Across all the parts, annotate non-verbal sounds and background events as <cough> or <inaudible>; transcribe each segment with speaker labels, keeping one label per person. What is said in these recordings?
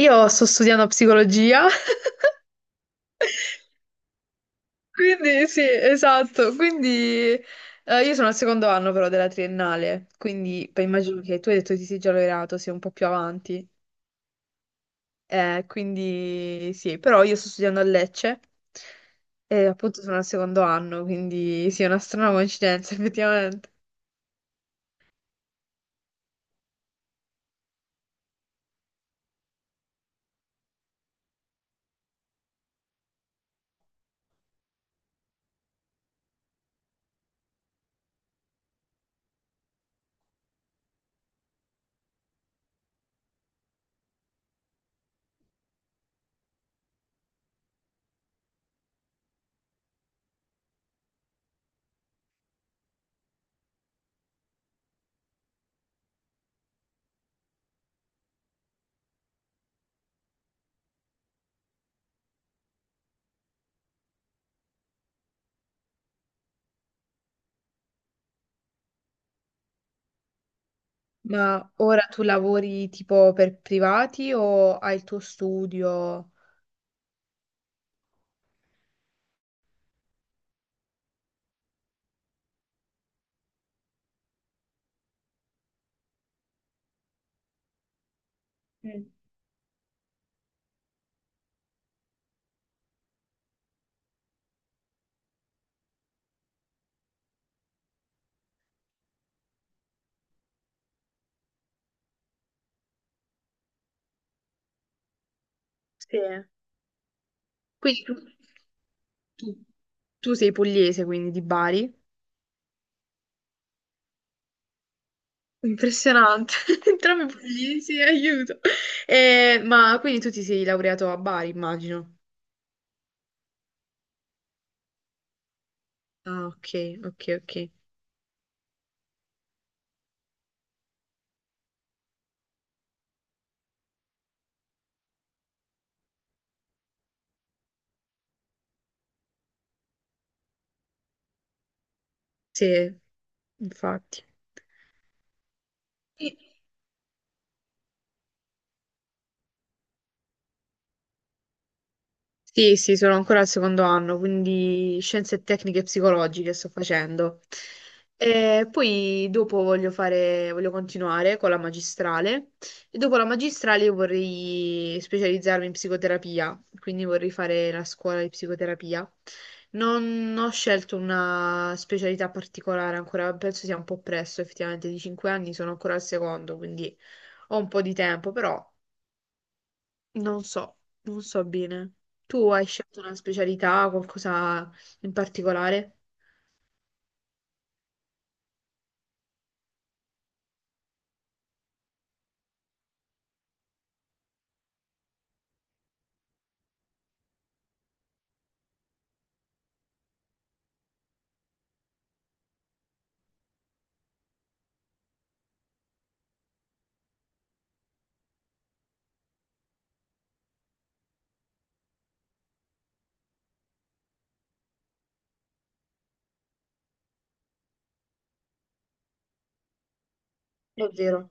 Speaker 1: Io sto studiando psicologia, <laughs> quindi sì, esatto, quindi io sono al secondo anno però della triennale, quindi beh, immagino che tu hai detto che ti sei già laureato, sei un po' più avanti, quindi sì, però io sto studiando a Lecce e appunto sono al secondo anno, quindi sì, è una strana coincidenza <laughs> effettivamente. Ma ora tu lavori tipo per privati o hai il tuo studio? Mm. Sì. Quindi Tu, tu sei pugliese, quindi di Bari. Impressionante, <laughs> entrambi pugliesi, aiuto. Ma quindi tu ti sei laureato a Bari, immagino. Ah, ok, ok, ok. Sì. Infatti. Sì, sì, sono ancora al secondo anno, quindi scienze tecniche psicologiche sto facendo. E poi dopo voglio fare, voglio continuare con la magistrale e dopo la magistrale io vorrei specializzarmi in psicoterapia, quindi vorrei fare la scuola di psicoterapia. Non ho scelto una specialità particolare ancora, penso sia un po' presto, effettivamente di 5 anni sono ancora al secondo, quindi ho un po' di tempo, però. Non so, non so bene. Tu hai scelto una specialità, qualcosa in particolare? È vero,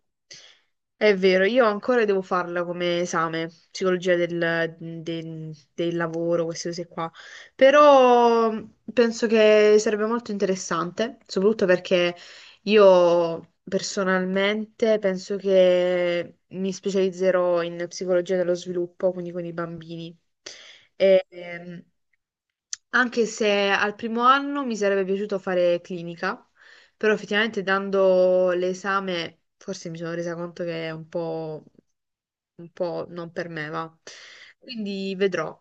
Speaker 1: è vero, io ancora devo farla come esame, psicologia del lavoro, queste cose qua, però penso che sarebbe molto interessante, soprattutto perché io personalmente penso che mi specializzerò in psicologia dello sviluppo, quindi con i bambini. E, anche se al primo anno mi sarebbe piaciuto fare clinica, però effettivamente dando l'esame, forse mi sono resa conto che è un po' non per me, va. Quindi vedrò,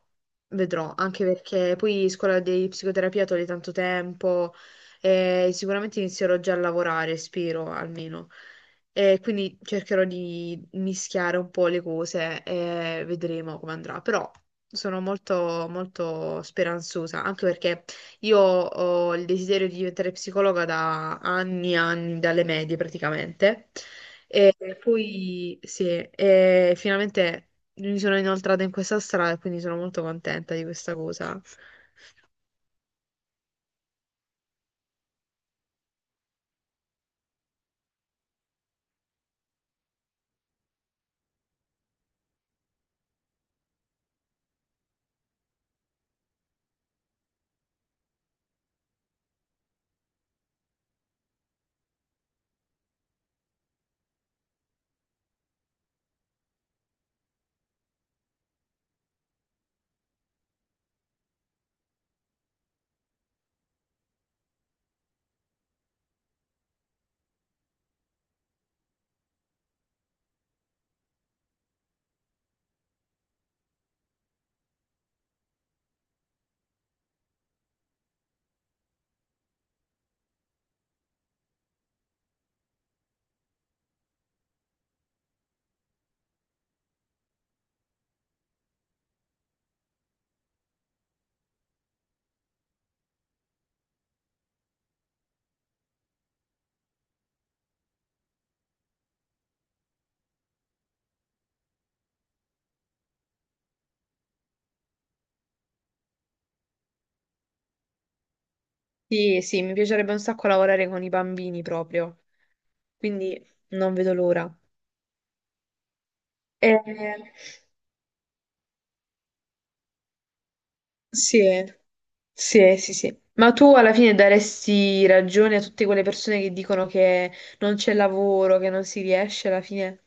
Speaker 1: vedrò, anche perché poi scuola di psicoterapia toglie tanto tempo e sicuramente inizierò già a lavorare, spero almeno. E quindi cercherò di mischiare un po' le cose e vedremo come andrà. Però sono molto, molto speranzosa, anche perché io ho il desiderio di diventare psicologa da anni e anni, dalle medie praticamente. E poi sì, e finalmente mi sono inoltrata in questa strada e quindi sono molto contenta di questa cosa. Sì, sì, mi piacerebbe un sacco lavorare con i bambini proprio, quindi non vedo l'ora. Eh, sì, sì, sì, sì. Ma tu alla fine daresti ragione a tutte quelle persone che dicono che non c'è lavoro, che non si riesce alla fine?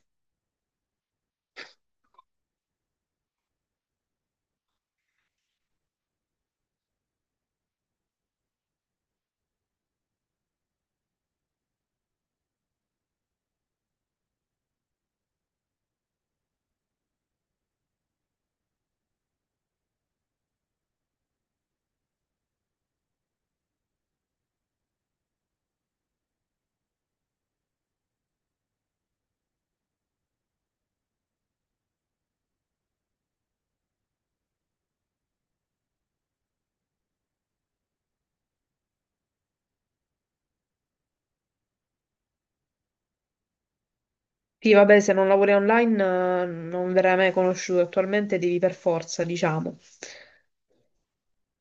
Speaker 1: Sì, vabbè, se non lavori online non verrai mai conosciuto, attualmente devi per forza, diciamo.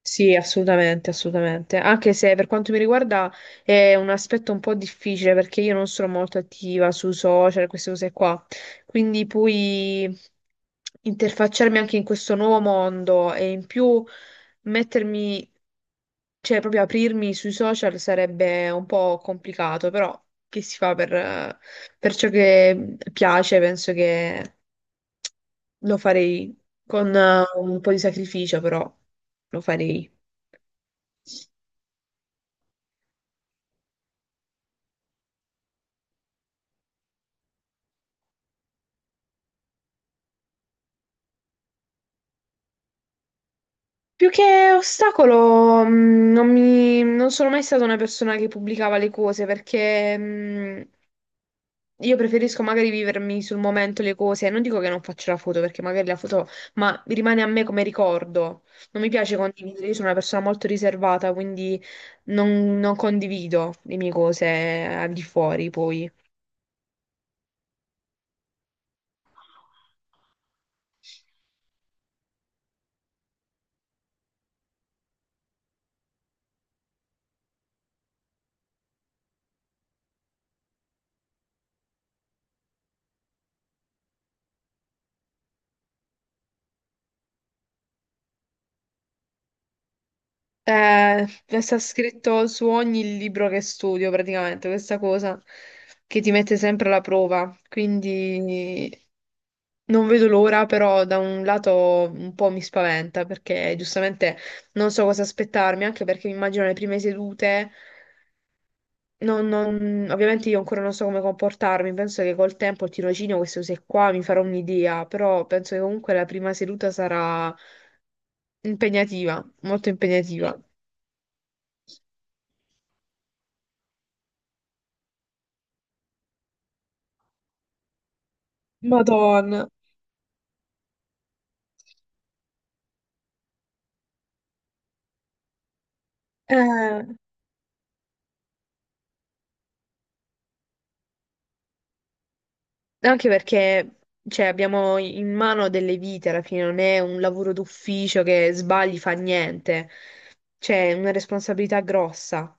Speaker 1: Sì, assolutamente, assolutamente. Anche se per quanto mi riguarda è un aspetto un po' difficile perché io non sono molto attiva sui social, queste cose qua. Quindi poi interfacciarmi anche in questo nuovo mondo e in più mettermi, cioè proprio aprirmi sui social sarebbe un po' complicato, però che si fa per ciò che piace, penso che lo farei con un po' di sacrificio, però lo farei. Più che ostacolo, non sono mai stata una persona che pubblicava le cose perché io preferisco magari vivermi sul momento le cose. Non dico che non faccio la foto perché magari la foto, ma rimane a me come ricordo. Non mi piace condividere, io sono una persona molto riservata, quindi non condivido le mie cose al di fuori poi. Eh, Sta scritto su ogni libro che studio, praticamente, questa cosa che ti mette sempre alla prova. Quindi non vedo l'ora, però da un lato un po' mi spaventa perché giustamente non so cosa aspettarmi, anche perché mi immagino le prime sedute. Ovviamente io ancora non so come comportarmi, penso che col tempo il tirocinio, queste cose qua, mi farò un'idea, però penso che comunque la prima seduta sarà impegnativa, molto impegnativa. Madonna. Eh, Anche perché cioè, abbiamo in mano delle vite alla fine, non è un lavoro d'ufficio che sbagli fa niente, c'è una responsabilità grossa,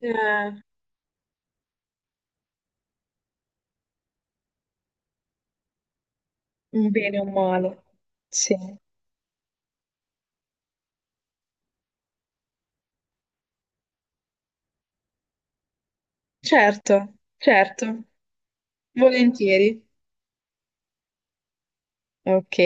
Speaker 1: Eh, un bene o un male. Sì. Certo, certo, volentieri. Ok.